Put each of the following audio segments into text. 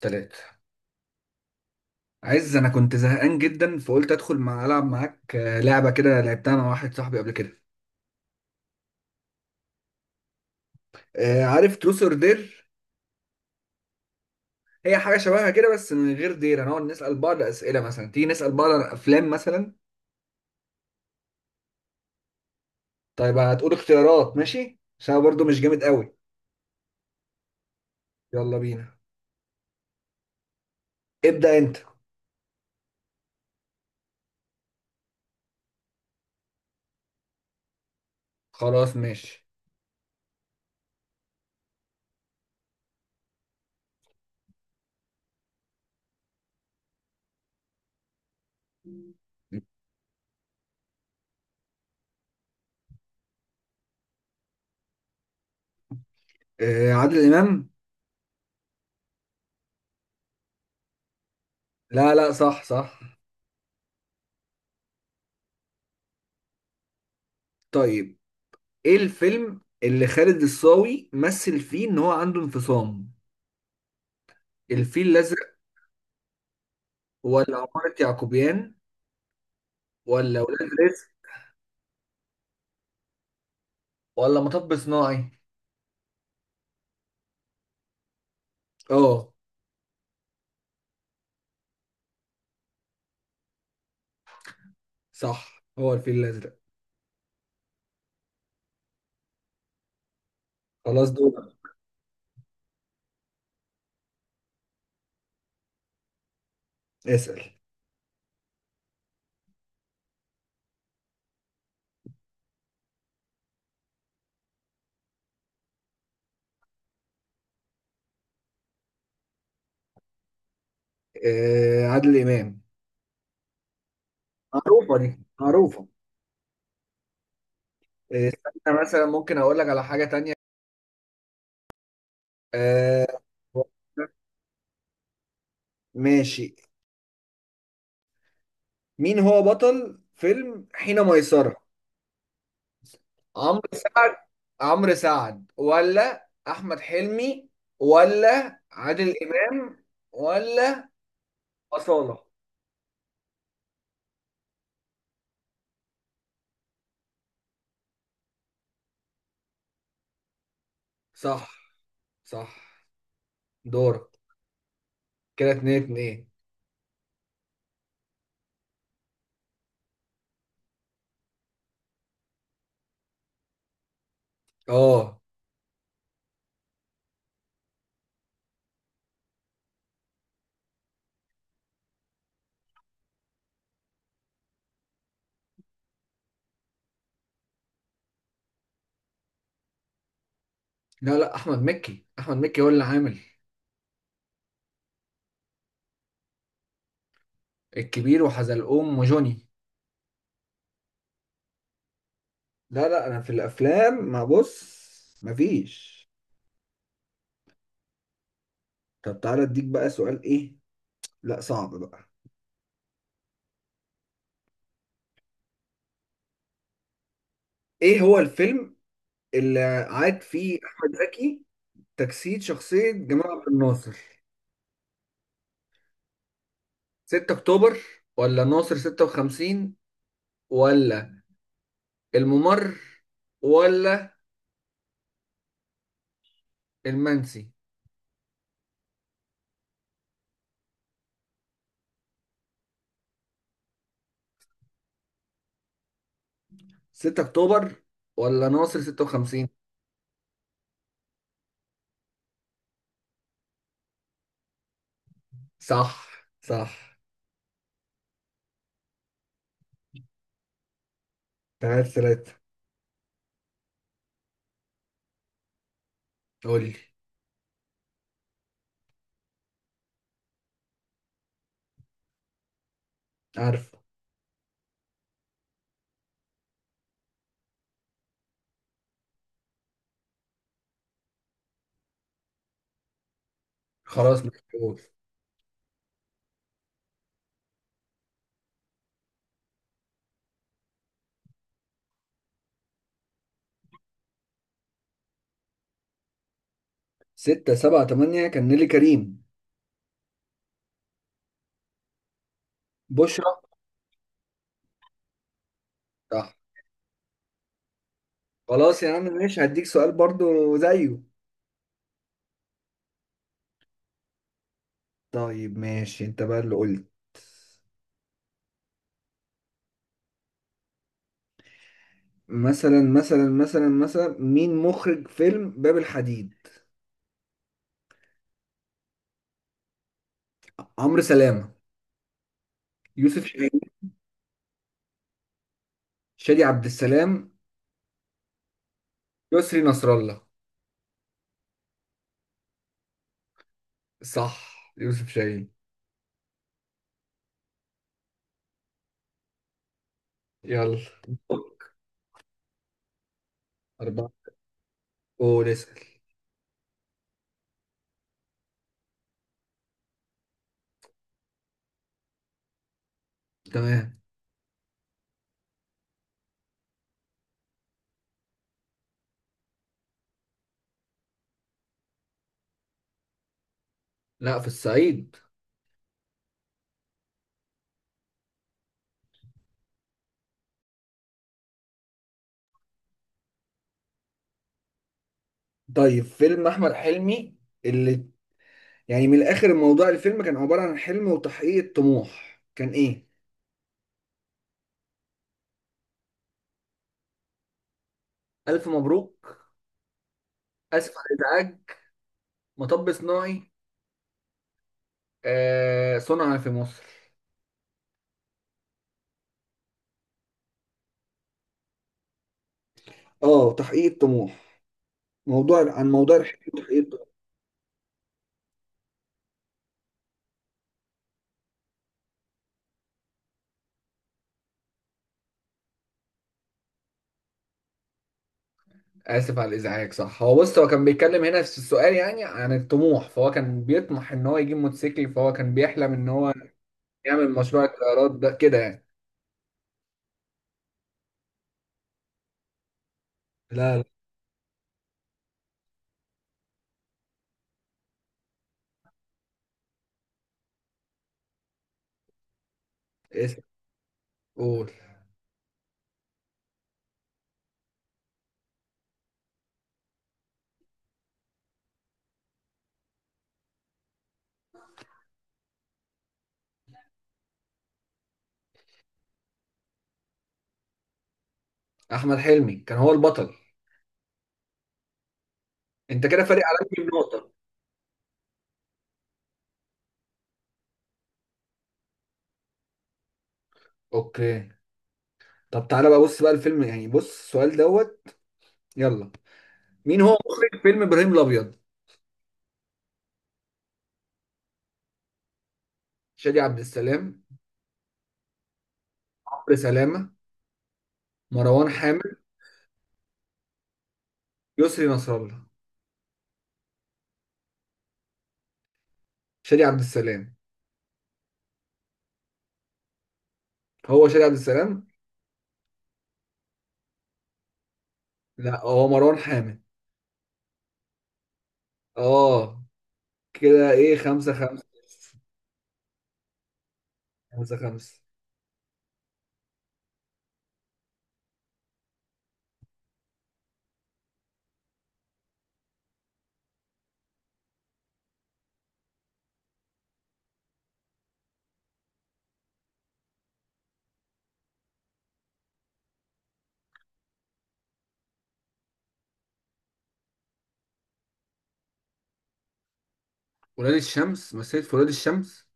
تلاتة. عز انا كنت زهقان جدا فقلت ادخل العب معاك. لعبه كده لعبتها انا واحد صاحبي قبل كده. عارف تروس اور دير؟ هي حاجه شبهها كده، بس من غير دير هنقعد نسال بعض اسئله، مثلا تيجي نسال بعض عن افلام مثلا. طيب هتقول اختيارات، ماشي، عشان أنا برضو مش جامد قوي. يلا بينا. ابدا انت. خلاص ماشي. عادل امام. لا لا، صح صح. طيب ايه الفيلم اللي خالد الصاوي مثل فيه ان هو عنده انفصام؟ الفيل الازرق، ولا عمارة يعقوبيان، ولا ولاد رزق، ولا مطب صناعي؟ اه. صح، هو الفيل الأزرق. خلاص دول. اسأل. آه، عادل إمام. معروفة دي، معروفة. استنى، مثلا ممكن أقول لك على حاجة تانية. آه. ماشي. مين هو بطل فيلم حين ميسرة؟ عمرو سعد، عمرو سعد ولا أحمد حلمي، ولا عادل إمام، ولا أصالة؟ صح. صح. دورك. كده اتنين اتنين. اه. لا لا، احمد مكي، احمد مكي هو اللي عامل الكبير وحزلقوم وجوني. لا لا، انا في الافلام ما بص مفيش. طب تعالى اديك بقى سؤال. ايه؟ لا صعب بقى. ايه هو الفيلم اللي عاد فيه احمد زكي تجسيد شخصية جمال عبد الناصر؟ 6 اكتوبر، ولا ناصر 56، ولا الممر، ولا المنسي؟ 6 اكتوبر ولا ناصر 56؟ صح. صح. تعال ثلاثة. قول لي. عارف. خلاص محفوظ. ستة سبعة تمانية كان نيلي كريم. بشرى. صح. خلاص يا عم ماشي، هديك سؤال برضو زيه. طيب ماشي انت بقى اللي قلت. مثلا مين مخرج فيلم باب الحديد؟ عمرو سلامة، يوسف شاهين، شادي عبد السلام، يسري نصر الله. صح، يوسف شاهين. يلا. أربعة. قول اسأل. تمام. لا، في الصعيد. طيب، فيلم احمد حلمي اللي يعني من الاخر الموضوع، الفيلم كان عباره عن حلم وتحقيق طموح، كان ايه؟ الف مبروك. اسف على الازعاج. مطب صناعي. آه، صنع في مصر. اه، تحقيق الطموح. موضوع عن موضوع الحلم وتحقيق الطموح. اسف على الازعاج، صح. هو بص، هو كان بيتكلم هنا في السؤال يعني عن الطموح، فهو كان بيطمح ان هو يجيب موتوسيكل، فهو كان بيحلم ان هو يعمل مشروع الطيارات ده كده يعني. لا لا. اسف. قول. احمد حلمي كان هو البطل. انت كده فارق عليك بالنقطه. اوكي. طب تعالى بقى، بص بقى الفيلم، يعني بص السؤال دوت. يلا. مين هو مخرج فيلم ابراهيم الابيض؟ شادي عبد السلام، عمرو سلامه، مروان حامد، يسري نصر الله. شادي عبد السلام. هو شادي عبد السلام. لا، هو مروان حامد. اه. كده ايه، خمسة خمسة؟ خمسة خمسة. ولاد الشمس، مثلت في ولاد الشمس.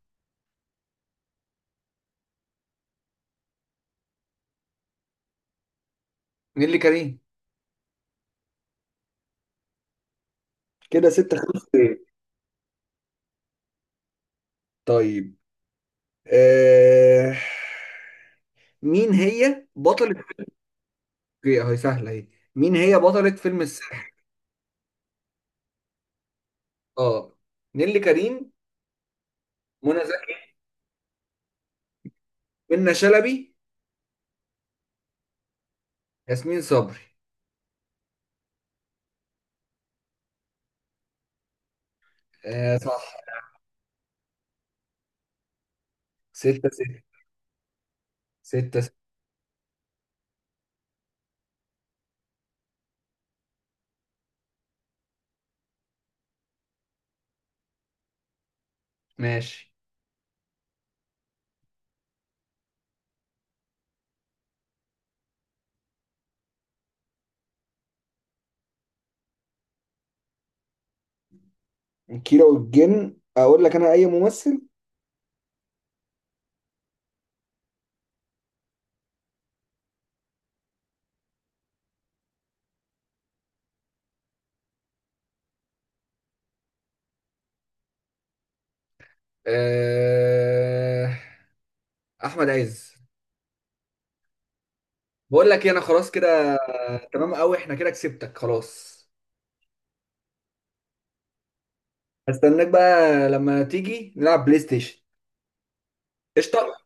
نيللي كريم. كده ستة خمسة. طيب. آه... مين هي بطلة. اوكي اهي سهله اهي. مين هي بطلة فيلم الساحر؟ اه. نيللي كريم، منى زكي، منى شلبي، ياسمين صبري. آه صح. ستة ستة. ستة ستة. ماشي. كيرة والجن، اقول لك انا اي ممثل؟ آه... احمد عز. بقول لك إيه، انا خلاص كده. تمام قوي، احنا كده كسبتك، خلاص. هستناك بقى لما تيجي نلعب بلاي ستيشن. قشطة.